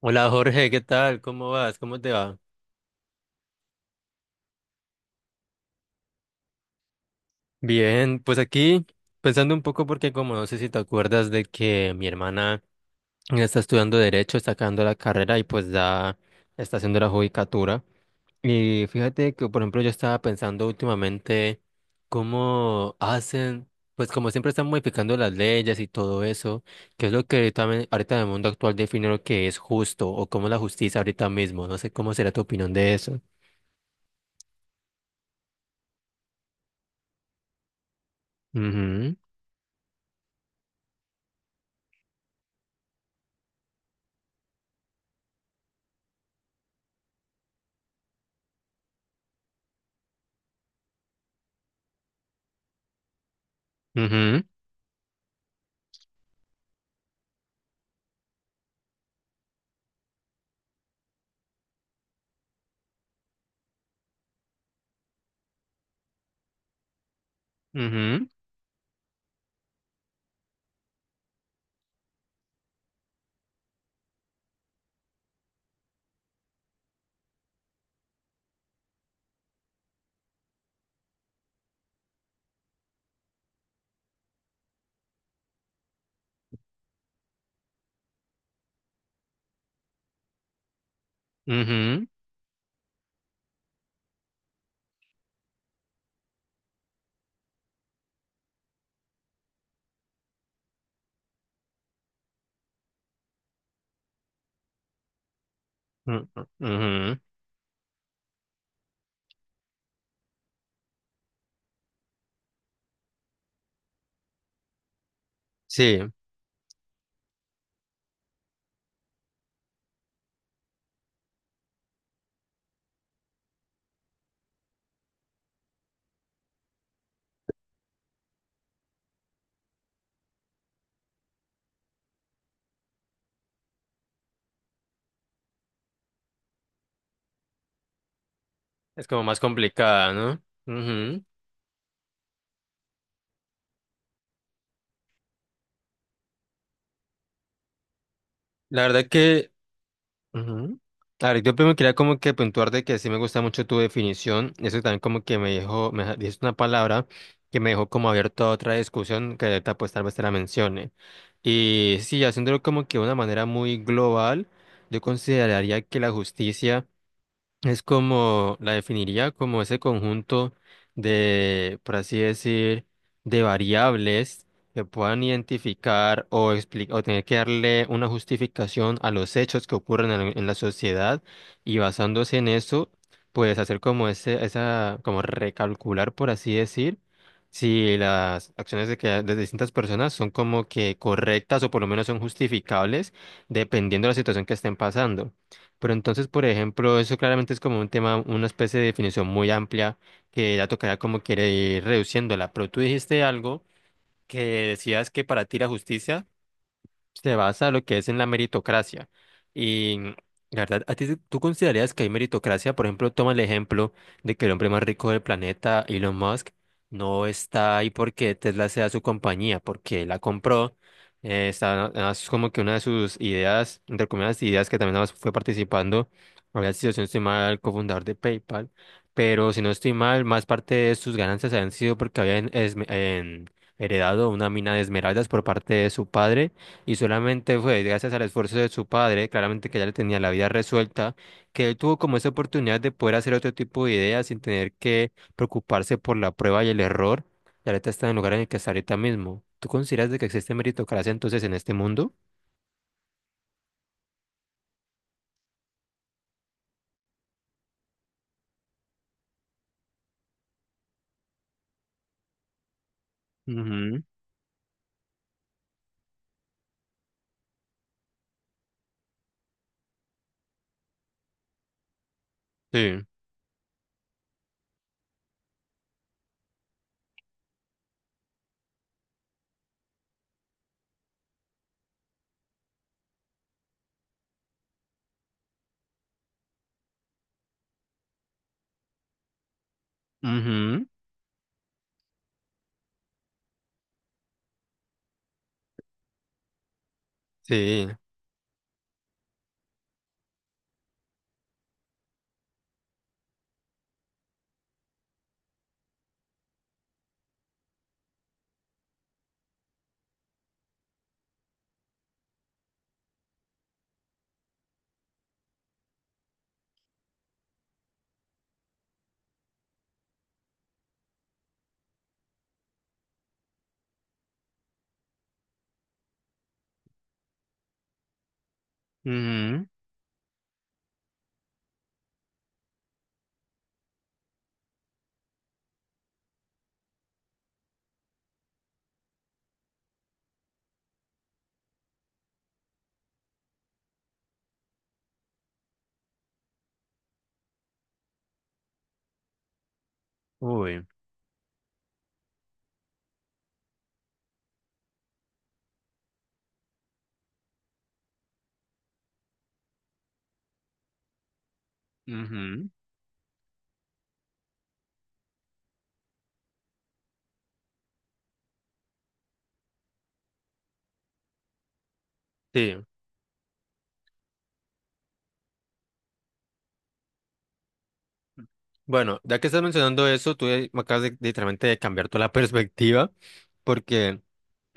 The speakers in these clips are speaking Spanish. Hola Jorge, ¿qué tal? ¿Cómo vas? ¿Cómo te va? Bien, pues aquí pensando un poco porque como no sé si te acuerdas de que mi hermana está estudiando derecho, está acabando la carrera y pues ya está haciendo la judicatura. Y fíjate que por ejemplo yo estaba pensando últimamente cómo hacen, pues como siempre están modificando las leyes y todo eso, que es lo que ahorita, ahorita en el mundo actual define lo que es justo o cómo la justicia ahorita mismo. No sé cómo será tu opinión de eso. Ujú. Ujú. Ujú. Ujú. Sí, es como más complicada, ¿no? Ujú. La verdad que, ujú. La verdad, yo primero quería como que puntuar de que sí me gusta mucho tu definición. Eso también como que me dejó, me deja- dijiste una palabra que me dejó como abierto a otra discusión que ahorita pues tal vez te la mencione. Y sí, haciéndolo como que de una manera muy global, yo consideraría que la justicia es como, la definiría como ese conjunto de, por así decir, de variables que puedan identificar o, o tener que darle una justificación a los hechos que ocurren en la sociedad y basándose en eso, pues hacer como ese, esa, como recalcular, por así decir, si las acciones de, que, de distintas personas son como que correctas o por lo menos son justificables dependiendo de la situación que estén pasando. Pero entonces, por ejemplo, eso claramente es como un tema, una especie de definición muy amplia que ya tocará como quiere ir reduciéndola. Pero tú dijiste algo que decías que para ti la justicia se basa lo que es en la meritocracia. Y la verdad, ¿a ti tú considerarías que hay meritocracia? Por ejemplo, toma el ejemplo de que el hombre más rico del planeta, Elon Musk, no está ahí porque Tesla sea su compañía, porque la compró. Está, es como que una de sus ideas, entre comillas, ideas que también fue participando, había sido, si no estoy mal, cofundador de PayPal, pero si no estoy mal, más parte de sus ganancias habían sido porque habían heredado una mina de esmeraldas por parte de su padre y solamente fue gracias al esfuerzo de su padre, claramente que ya le tenía la vida resuelta, que él tuvo como esa oportunidad de poder hacer otro tipo de ideas sin tener que preocuparse por la prueba y el error. Y ahorita está en el lugar en el que está ahorita mismo. ¿Tú consideras de que existe meritocracia entonces en este mundo? Ujú. Sí. Ujú. Sí. Ujú. Uy. Ujú. Sí. Bueno, ya que estás mencionando eso, tú me acabas de, literalmente de cambiar toda la perspectiva, porque,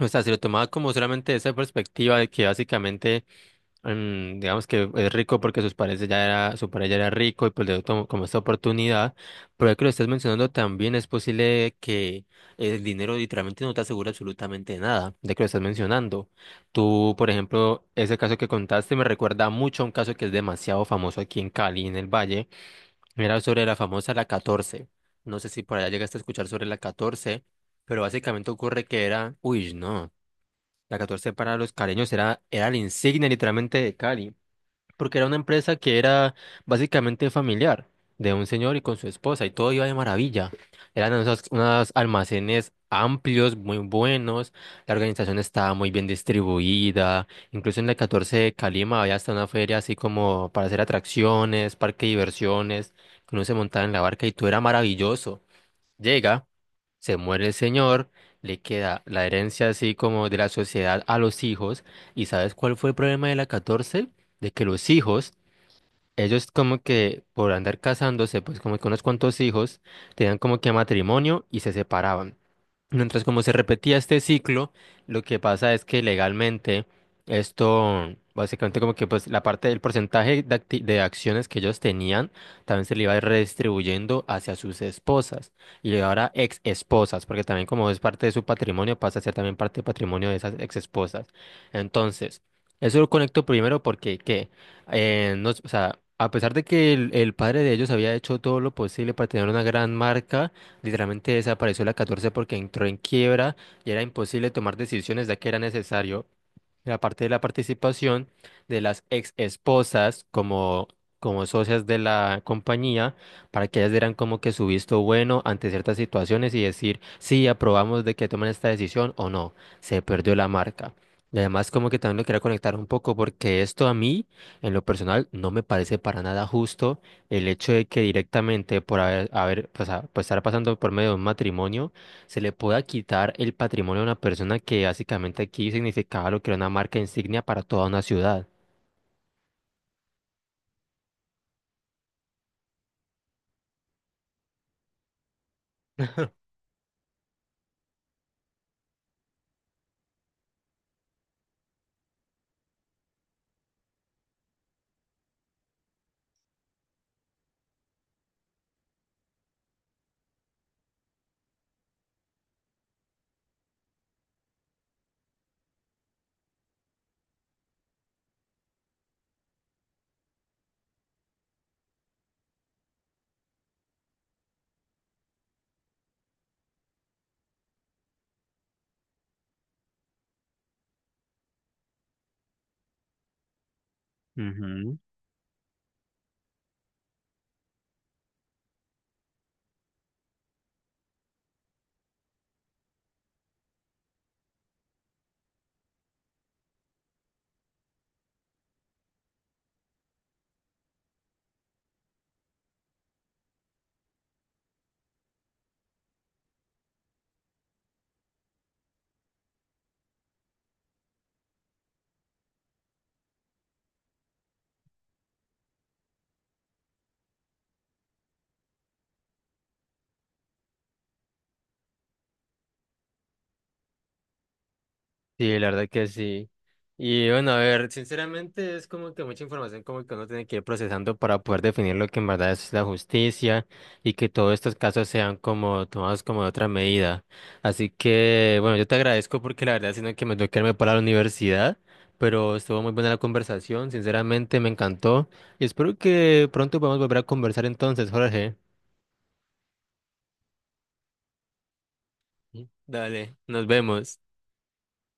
o sea, si lo tomaba como solamente esa perspectiva de que básicamente, digamos que es rico porque sus padres ya era, su padre ya era rico y pues le dio como esta oportunidad, pero ya que lo estás mencionando también es posible que el dinero literalmente no te asegure absolutamente nada, de que lo estás mencionando. Tú, por ejemplo, ese caso que contaste me recuerda mucho a un caso que es demasiado famoso aquí en Cali, en el Valle, era sobre la famosa La catorce. No sé si por allá llegaste a escuchar sobre La catorce. Pero básicamente ocurre que uy, no. La catorce para los caleños era la insignia literalmente de Cali, porque era una empresa que era básicamente familiar de un señor y con su esposa y todo iba de maravilla. Eran unos almacenes amplios, muy buenos, la organización estaba muy bien distribuida, incluso en la catorce de Calima había hasta una feria así como para hacer atracciones, parque de diversiones, que uno se montaba en la barca y todo era maravilloso. Llega, se muere el señor, le queda la herencia así como de la sociedad a los hijos. ¿Y sabes cuál fue el problema de la catorce? De que los hijos, ellos como que por andar casándose, pues como que unos cuantos hijos, tenían como que matrimonio y se separaban. Mientras como se repetía este ciclo, lo que pasa es que legalmente esto, básicamente como que pues la parte del porcentaje de, de acciones que ellos tenían, también se le iba redistribuyendo hacia sus esposas y ahora ex esposas, porque también como es parte de su patrimonio, pasa a ser también parte del patrimonio de esas ex esposas. Entonces, eso lo conecto primero porque qué, no, o sea, a pesar de que el padre de ellos había hecho todo lo posible para tener una gran marca, literalmente desapareció la 14 porque entró en quiebra y era imposible tomar decisiones ya que era necesario la parte de la participación de las ex esposas como, como socias de la compañía, para que ellas dieran como que su visto bueno ante ciertas situaciones y decir, sí, aprobamos de que tomen esta decisión o no, se perdió la marca. Y además como que también lo quería conectar un poco porque esto a mí, en lo personal, no me parece para nada justo el hecho de que directamente por haber pues, pues, estar pasando por medio de un matrimonio, se le pueda quitar el patrimonio a una persona que básicamente aquí significaba lo que era una marca insignia para toda una ciudad. Sí, la verdad que sí. Y bueno, a ver, sinceramente es como que mucha información como que uno tiene que ir procesando para poder definir lo que en verdad es la justicia y que todos estos casos sean como tomados como de otra medida. Así que, bueno, yo te agradezco porque la verdad sino que me tengo que irme para la universidad, pero estuvo muy buena la conversación, sinceramente me encantó y espero que pronto podamos volver a conversar entonces, Jorge. Sí. Dale, nos vemos.